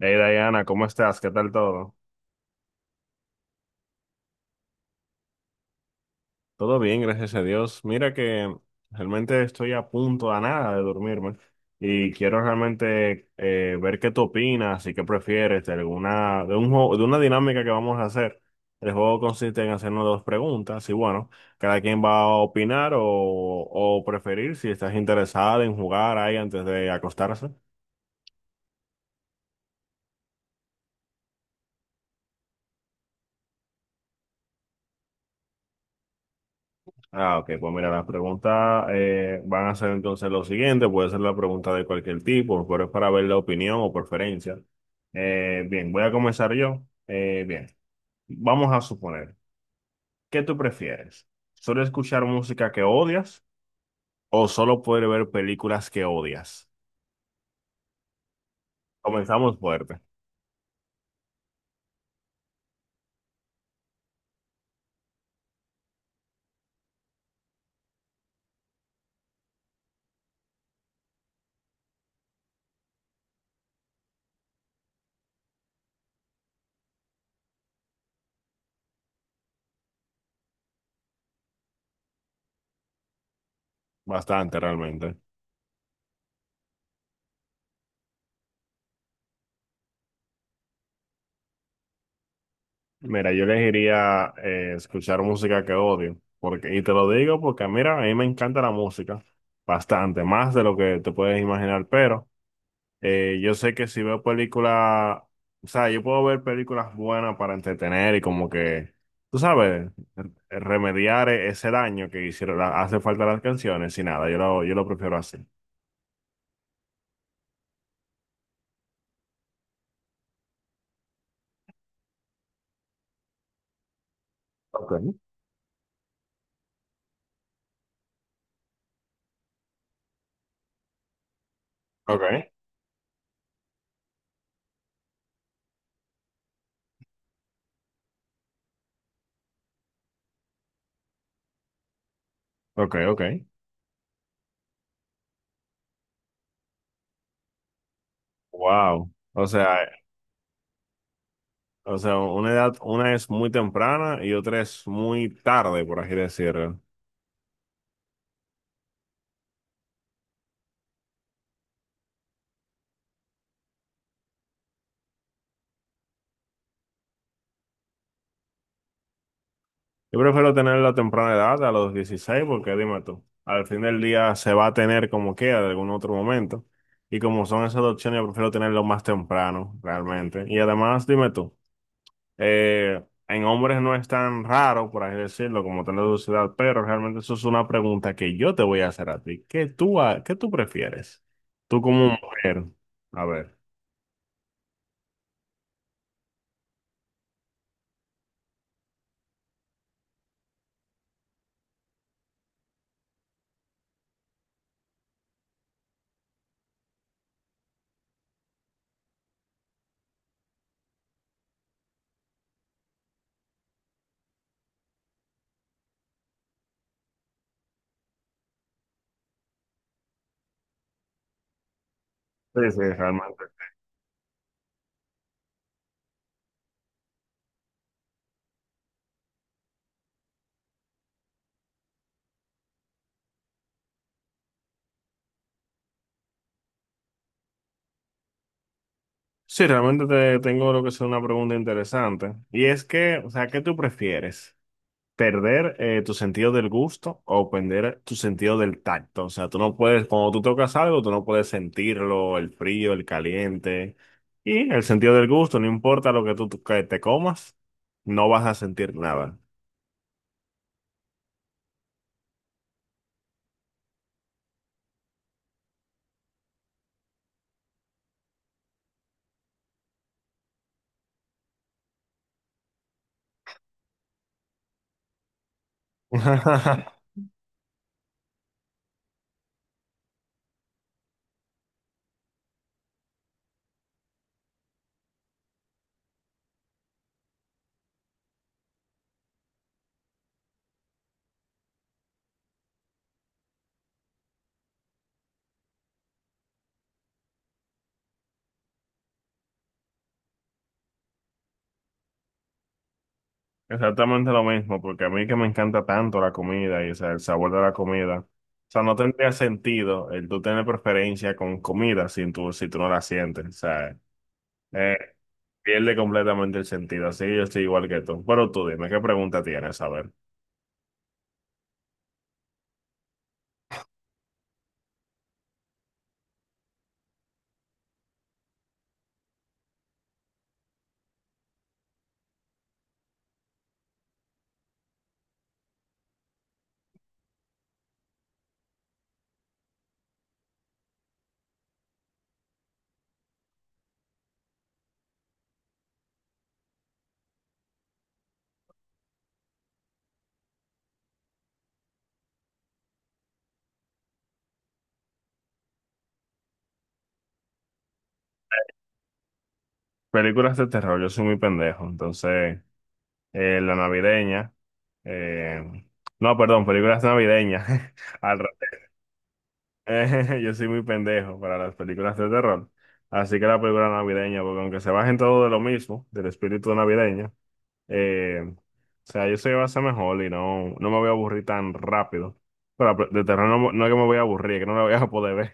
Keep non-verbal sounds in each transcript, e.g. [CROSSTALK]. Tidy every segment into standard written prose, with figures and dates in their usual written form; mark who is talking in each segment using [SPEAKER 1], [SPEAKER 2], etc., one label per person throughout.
[SPEAKER 1] Hey Diana, ¿cómo estás? ¿Qué tal todo? Todo bien, gracias a Dios. Mira que realmente estoy a punto a nada de dormirme y quiero realmente ver qué tú opinas y qué prefieres de alguna de un juego, de una dinámica que vamos a hacer. El juego consiste en hacernos dos preguntas y bueno, cada quien va a opinar o preferir si estás interesada en jugar ahí antes de acostarse. Ok, pues mira, las preguntas van a ser entonces lo siguiente, puede ser la pregunta de cualquier tipo, pero es para ver la opinión o preferencia. Bien, voy a comenzar yo. Bien, vamos a suponer, ¿qué tú prefieres? ¿Solo escuchar música que odias o solo poder ver películas que odias? Comenzamos fuerte, bastante realmente. Mira, yo elegiría escuchar música que odio, porque, y te lo digo porque, mira, a mí me encanta la música, bastante, más de lo que te puedes imaginar, pero yo sé que si veo películas, o sea, yo puedo ver películas buenas para entretener y como que, tú sabes, re- remediar ese daño que hicieron, hace falta las canciones y nada, yo lo prefiero así. Ok. Okay. Ok, ok. Wow. O sea, o sea, una edad, una es muy temprana y otra es muy tarde, por así decirlo. Yo prefiero tener la temprana edad a los 16 porque dime tú, al fin del día se va a tener como queda de algún otro momento. Y como son esas dos opciones, yo prefiero tenerlo más temprano, realmente. Y además, dime tú, eh, en hombres no es tan raro, por así decirlo, como tener su edad, pero realmente eso es una pregunta que yo te voy a hacer a ti. ¿Qué tú, qué tú prefieres? Tú como mujer, a ver. Sí, sí, realmente. Sí, realmente te tengo lo que es una pregunta interesante. Y es que, o sea, ¿qué tú prefieres? ¿Perder tu sentido del gusto o perder tu sentido del tacto? O sea, tú no puedes, cuando tú tocas algo, tú no puedes sentirlo, el frío, el caliente. Y el sentido del gusto, no importa lo que que te comas, no vas a sentir nada. [LAUGHS] Exactamente lo mismo, porque a mí que me encanta tanto la comida y o sea, el sabor de la comida, o sea, no tendría sentido el tú tener preferencia con comida si tú, si tú no la sientes, o sea, eh, pierde completamente el sentido, así yo estoy igual que tú. Pero tú dime, ¿qué pregunta tienes? A ver, películas de terror, yo soy muy pendejo, entonces, la navideña, eh, no, perdón, películas navideñas, [LAUGHS] al [LAUGHS] yo soy muy pendejo para las películas de terror. Así que la película navideña, porque aunque se bajen todo de lo mismo, del espíritu navideño, o sea, yo soy va a ser mejor y no, no me voy a aburrir tan rápido. Pero la de terror no, no es que me voy a aburrir, es que no la voy a poder ver.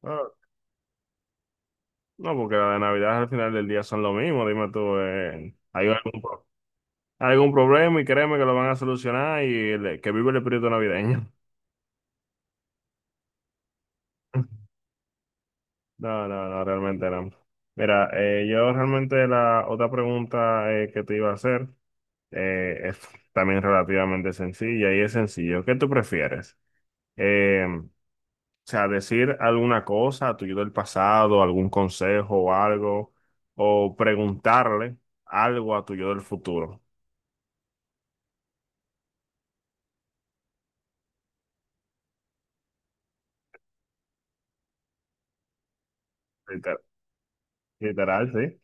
[SPEAKER 1] [LAUGHS] Pero, no, porque la de Navidad al final del día son lo mismo, dime tú, hay algún, algún problema y créeme que lo van a solucionar y que vive el espíritu navideño. [LAUGHS] No, no, no, realmente no. Mira, yo realmente la otra pregunta que te iba a hacer es también relativamente sencilla y es sencillo. ¿Qué tú prefieres? O sea, decir alguna cosa a tu yo del pasado, algún consejo o algo, o preguntarle algo a tu yo del futuro. Liter- Literal, sí.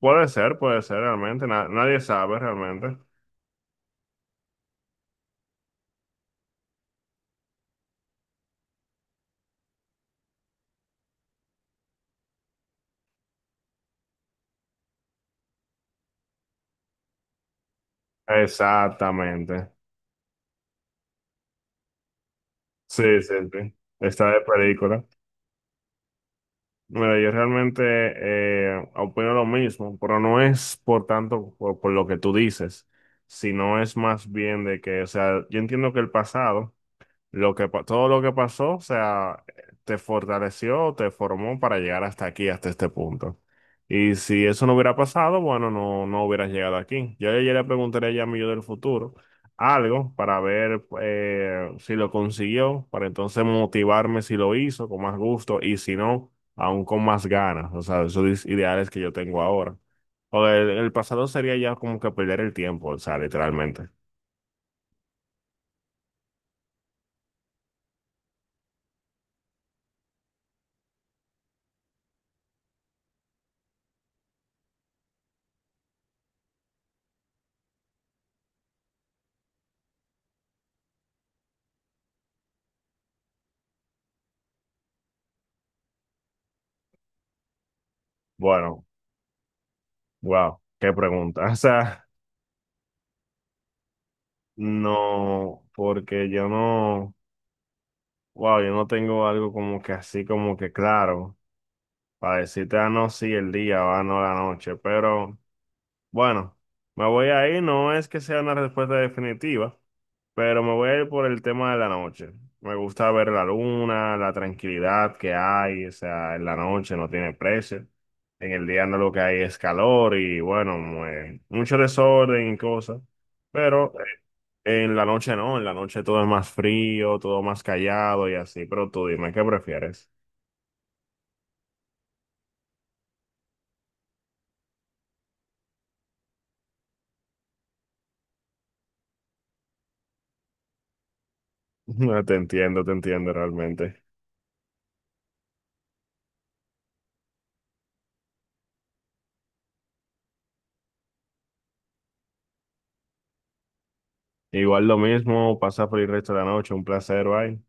[SPEAKER 1] Puede ser realmente. Nadie sabe realmente. Exactamente. Sí, sí, sí. Está de película. Mira, yo realmente opino lo mismo, pero no es por tanto por lo que tú dices, sino es más bien de que, o sea, yo entiendo que el pasado. Lo que, todo lo que pasó, o sea, te fortaleció, te formó para llegar hasta aquí, hasta este punto. Y si eso no hubiera pasado, bueno, no, no hubieras llegado aquí. Yo ayer le preguntaría ya a mi yo del futuro algo para ver si lo consiguió, para entonces motivarme si lo hizo con más gusto y si no, aún con más ganas. O sea, esos ideales que yo tengo ahora. O el pasado sería ya como que perder el tiempo, o sea, literalmente. Bueno, wow, qué pregunta. [LAUGHS] O sea. No, porque yo no, wow, yo no tengo algo como que así como que claro, para decirte, ah, no, sí, el día, ah, no, la noche, pero bueno, me voy a ir, no es que sea una respuesta definitiva, pero me voy a ir por el tema de la noche. Me gusta ver la luna, la tranquilidad que hay, o sea, en la noche no tiene precio, en el día no lo que hay es calor y bueno, mucho desorden y cosas. Pero en la noche no, en la noche todo es más frío, todo más callado y así, pero tú dime, ¿qué prefieres? [LAUGHS] Te entiendo realmente. Igual lo mismo, pasa por el resto de la noche, un placer, bye.